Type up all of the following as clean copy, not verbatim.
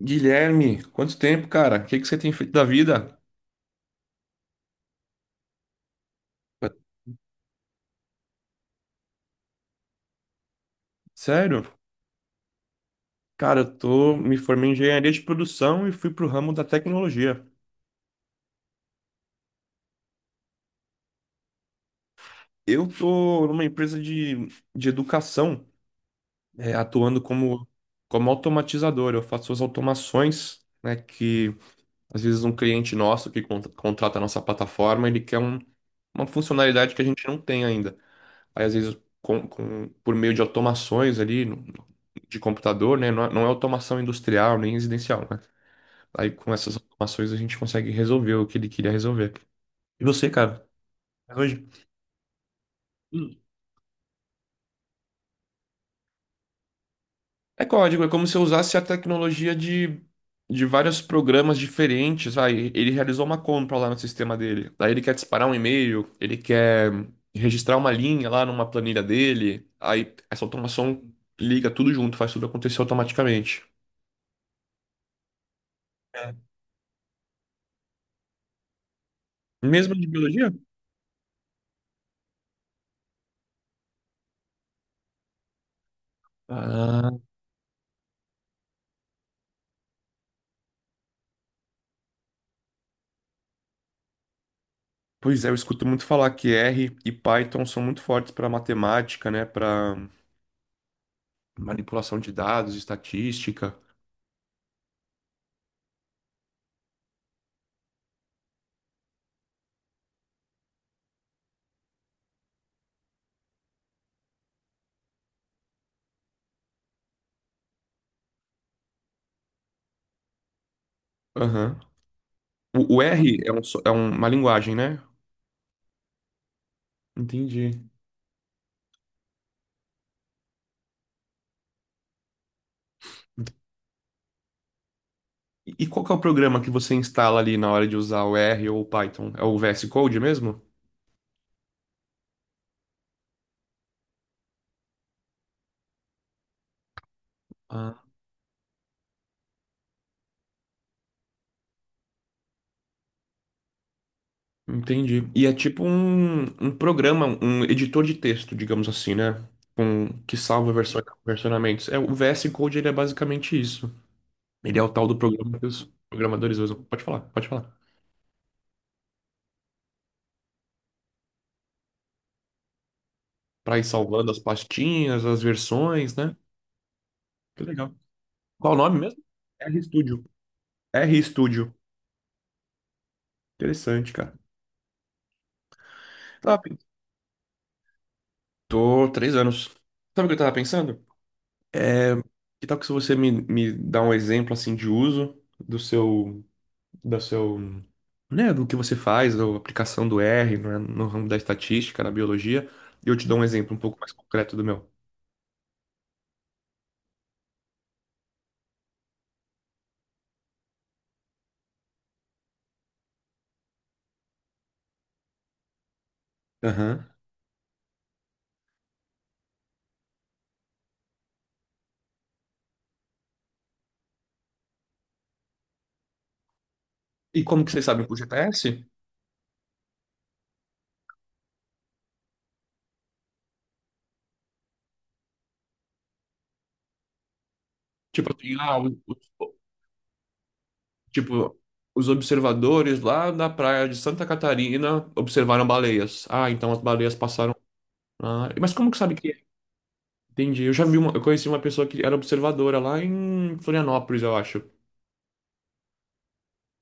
Guilherme, quanto tempo, cara? O que que você tem feito da vida? Sério? Cara, me formei em engenharia de produção e fui pro ramo da tecnologia. Eu tô numa empresa de educação, atuando como automatizador. Eu faço as automações, né, que às vezes um cliente nosso que contrata a nossa plataforma, ele quer uma funcionalidade que a gente não tem ainda. Aí, às vezes, por meio de automações ali de computador, né? Não, não é automação industrial nem residencial, né? Aí, com essas automações, a gente consegue resolver o que ele queria resolver. E você, cara? Mas hoje. Hum. É código, é como se eu usasse a tecnologia de vários programas diferentes. Vai, ele realizou uma compra lá no sistema dele. Aí ele quer disparar um e-mail, ele quer registrar uma linha lá numa planilha dele. Aí essa automação liga tudo junto, faz tudo acontecer automaticamente. Mesmo de biologia? Ah, pois é, eu escuto muito falar que R e Python são muito fortes para matemática, né? Para manipulação de dados, estatística. Aham. O R uma linguagem, né? Entendi. E qual que é o programa que você instala ali na hora de usar o R ou o Python? É o VS Code mesmo? Ah, entendi. E é tipo um programa, um editor de texto, digamos assim, né? Com, que salva versões, versionamentos. O VS Code ele é basicamente isso. Ele é o tal do programa que os programadores usam. Pode falar, pode falar. Pra ir salvando as pastinhas, as versões, né? Que legal. Qual o nome mesmo? RStudio. RStudio. Interessante, cara. Tá, tô 3 anos. Sabe o que eu tava pensando? É, que tal que se você me dá um exemplo assim de uso do seu, da seu, né, do que você faz, da aplicação do R, né, no ramo da estatística, na biologia, e eu te dou um exemplo um pouco mais concreto do meu. Aham. E como que vocês sabem por GTS? Tipo assim, ah, tipo, os observadores lá na praia de Santa Catarina observaram baleias. Ah, então as baleias passaram. Ah, mas como que sabe que é? Entendi. Eu já vi uma, eu conheci uma pessoa que era observadora lá em Florianópolis, eu acho.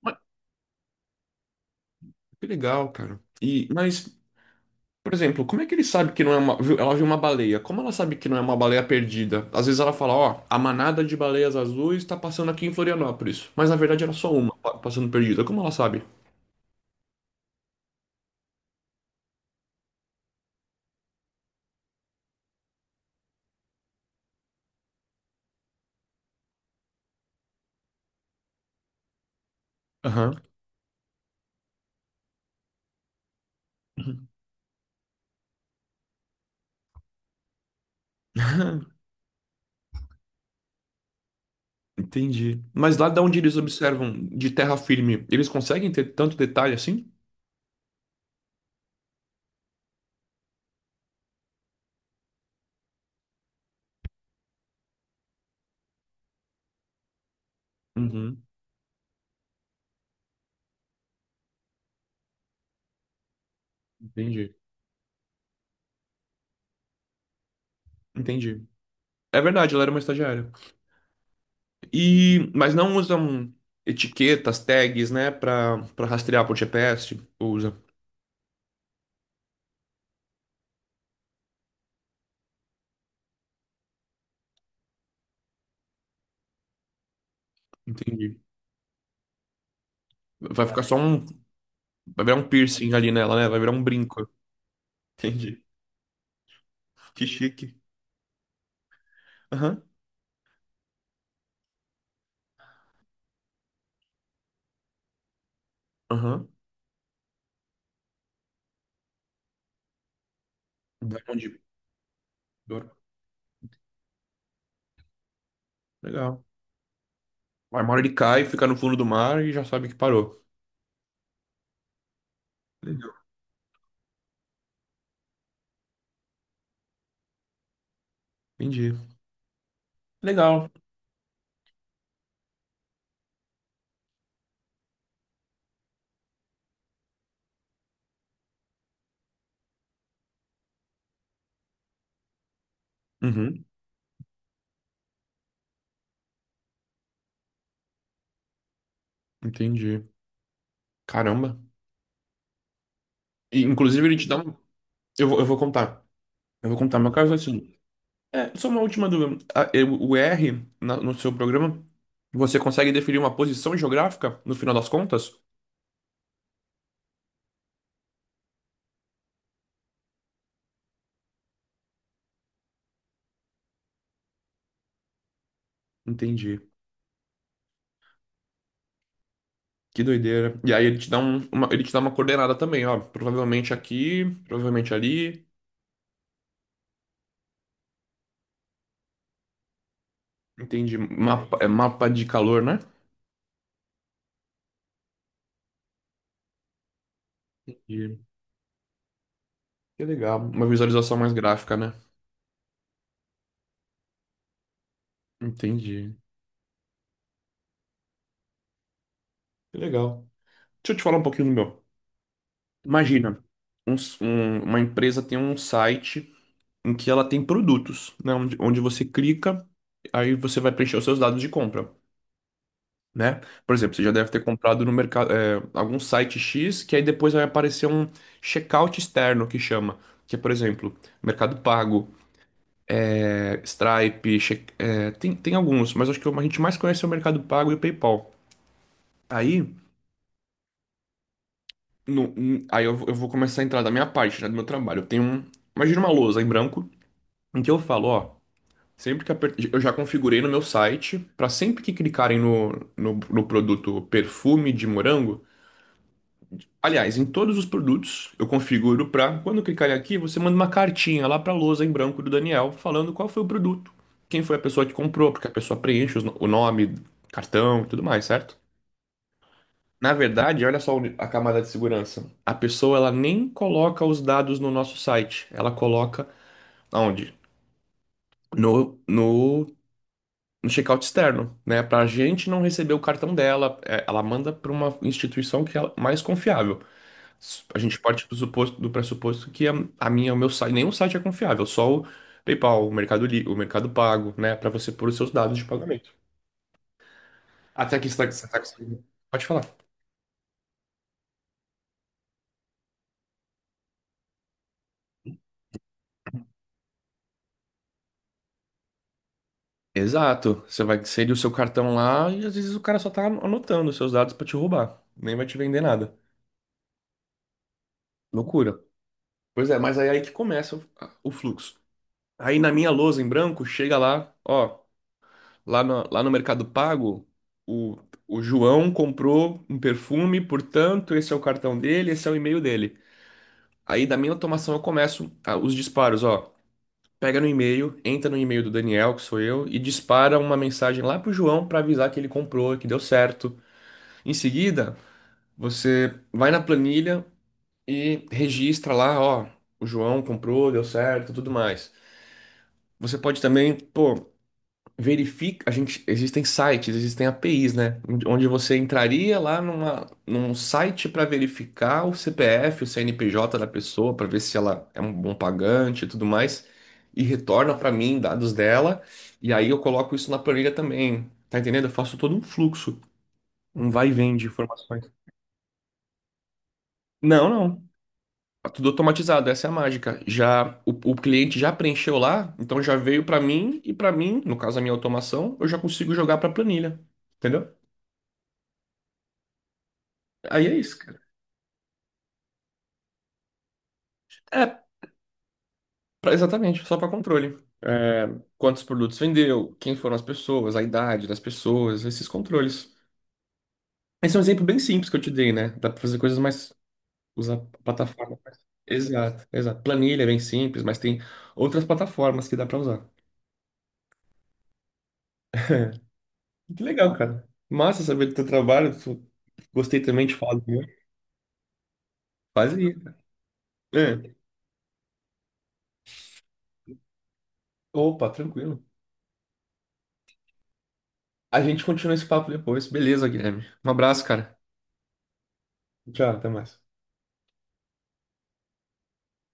Mas, que legal, cara. E, mas, por exemplo, como é que ele sabe que não é Ela viu uma baleia. Como ela sabe que não é uma baleia perdida? Às vezes ela fala, ó, a manada de baleias azuis tá passando aqui em Florianópolis. Mas na verdade era só uma passando perdida. Como ela sabe? Aham. Entendi. Mas lá de onde eles observam de terra firme, eles conseguem ter tanto detalhe assim? Uhum, entendi. Entendi. É verdade, ela era uma estagiária. E mas não usam etiquetas, tags, né, Pra para rastrear por GPS, ou usa. Entendi. Vai ficar só um, Vai virar um piercing ali nela, né? Vai virar um brinco. Entendi. Que chique. Aham. Aham. Vai onde? Legal. Vai, uma ele cai, fica no fundo do mar e já sabe que parou. Legal. Entendi. Legal. Uhum, entendi. Caramba. E, inclusive, ele te dá um. Eu vou contar. Eu vou contar meu caso assim. Só uma última dúvida. O R, no seu programa, você consegue definir uma posição geográfica no final das contas? Entendi. Que doideira. E aí ele te dá uma coordenada também, ó. Provavelmente aqui, provavelmente ali. Entendi. Mapa de calor, né? E- Que legal. Uma visualização mais gráfica, né? Entendi. Que legal. Deixa eu te falar um pouquinho do meu. Imagina, uma empresa tem um site em que ela tem produtos, né? Onde você clica, aí você vai preencher os seus dados de compra, né? Por exemplo, você já deve ter comprado no mercado, algum site X, que aí depois vai aparecer um checkout externo que chama. Que é, por exemplo, Mercado Pago, Stripe, tem alguns, mas acho que a gente mais conhece é o Mercado Pago e o PayPal. Aí, aí eu vou começar a entrar da minha parte, né, do meu trabalho. Eu tenho um, imagina uma lousa em branco, em que eu falo, ó. Sempre que apertar, eu já configurei no meu site para sempre que clicarem no produto perfume de morango. Aliás, em todos os produtos eu configuro para quando clicarem aqui, você manda uma cartinha lá para a lousa em branco do Daniel falando qual foi o produto, quem foi a pessoa que comprou, porque a pessoa preenche os no- o nome, cartão e tudo mais, certo? Na verdade, olha só a camada de segurança. A pessoa ela nem coloca os dados no nosso site, ela coloca aonde? No, no no checkout externo, né? Para a gente não receber o cartão dela, ela manda para uma instituição que é mais confiável. A gente parte do pressuposto que a minha, o meu site, nenhum site é confiável, só o PayPal, o Mercado Pago, né? Para você pôr os seus dados de pagamento. Até aqui você tá conseguindo. Pode falar. Exato. Você vai inserir o seu cartão lá e às vezes o cara só tá anotando os seus dados para te roubar. Nem vai te vender nada. Loucura. Pois é, mas aí que começa o fluxo. Aí na minha lousa em branco, chega lá, ó, Lá no Mercado Pago, o, o João comprou um perfume, portanto, esse é o cartão dele, esse é o e-mail dele. Aí da minha automação eu começo os disparos, ó. Pega no e-mail, entra no e-mail do Daniel, que sou eu, e dispara uma mensagem lá pro João para avisar que ele comprou, que deu certo. Em seguida, você vai na planilha e registra lá, ó, o João comprou, deu certo, tudo mais. Você pode também, pô, verifica, a gente, existem sites, existem APIs, né? Onde você entraria lá num site para verificar o CPF, o CNPJ da pessoa, para ver se ela é um bom pagante e tudo mais, e retorna para mim dados dela, e aí eu coloco isso na planilha também. Tá entendendo? Eu faço todo um fluxo, um vai e vem de informações. Não, não. Tá tudo automatizado, essa é a mágica. Já o cliente já preencheu lá, então já veio para mim e para mim, no caso a minha automação, eu já consigo jogar para planilha. Entendeu? Aí é isso, cara. É, exatamente, só para controle. Quantos produtos vendeu, quem foram as pessoas, a idade das pessoas, esses controles. Esse é um exemplo bem simples que eu te dei, né? Dá para fazer coisas mais. Usar a plataforma. Exato, exato. Planilha é bem simples, mas tem outras plataformas que dá para usar. Que legal, cara. Massa saber do teu trabalho. Gostei também de falar do meu. Faz aí. É. Opa, tranquilo. A gente continua esse papo depois. Beleza, Guilherme. Um abraço, cara. Tchau, até mais.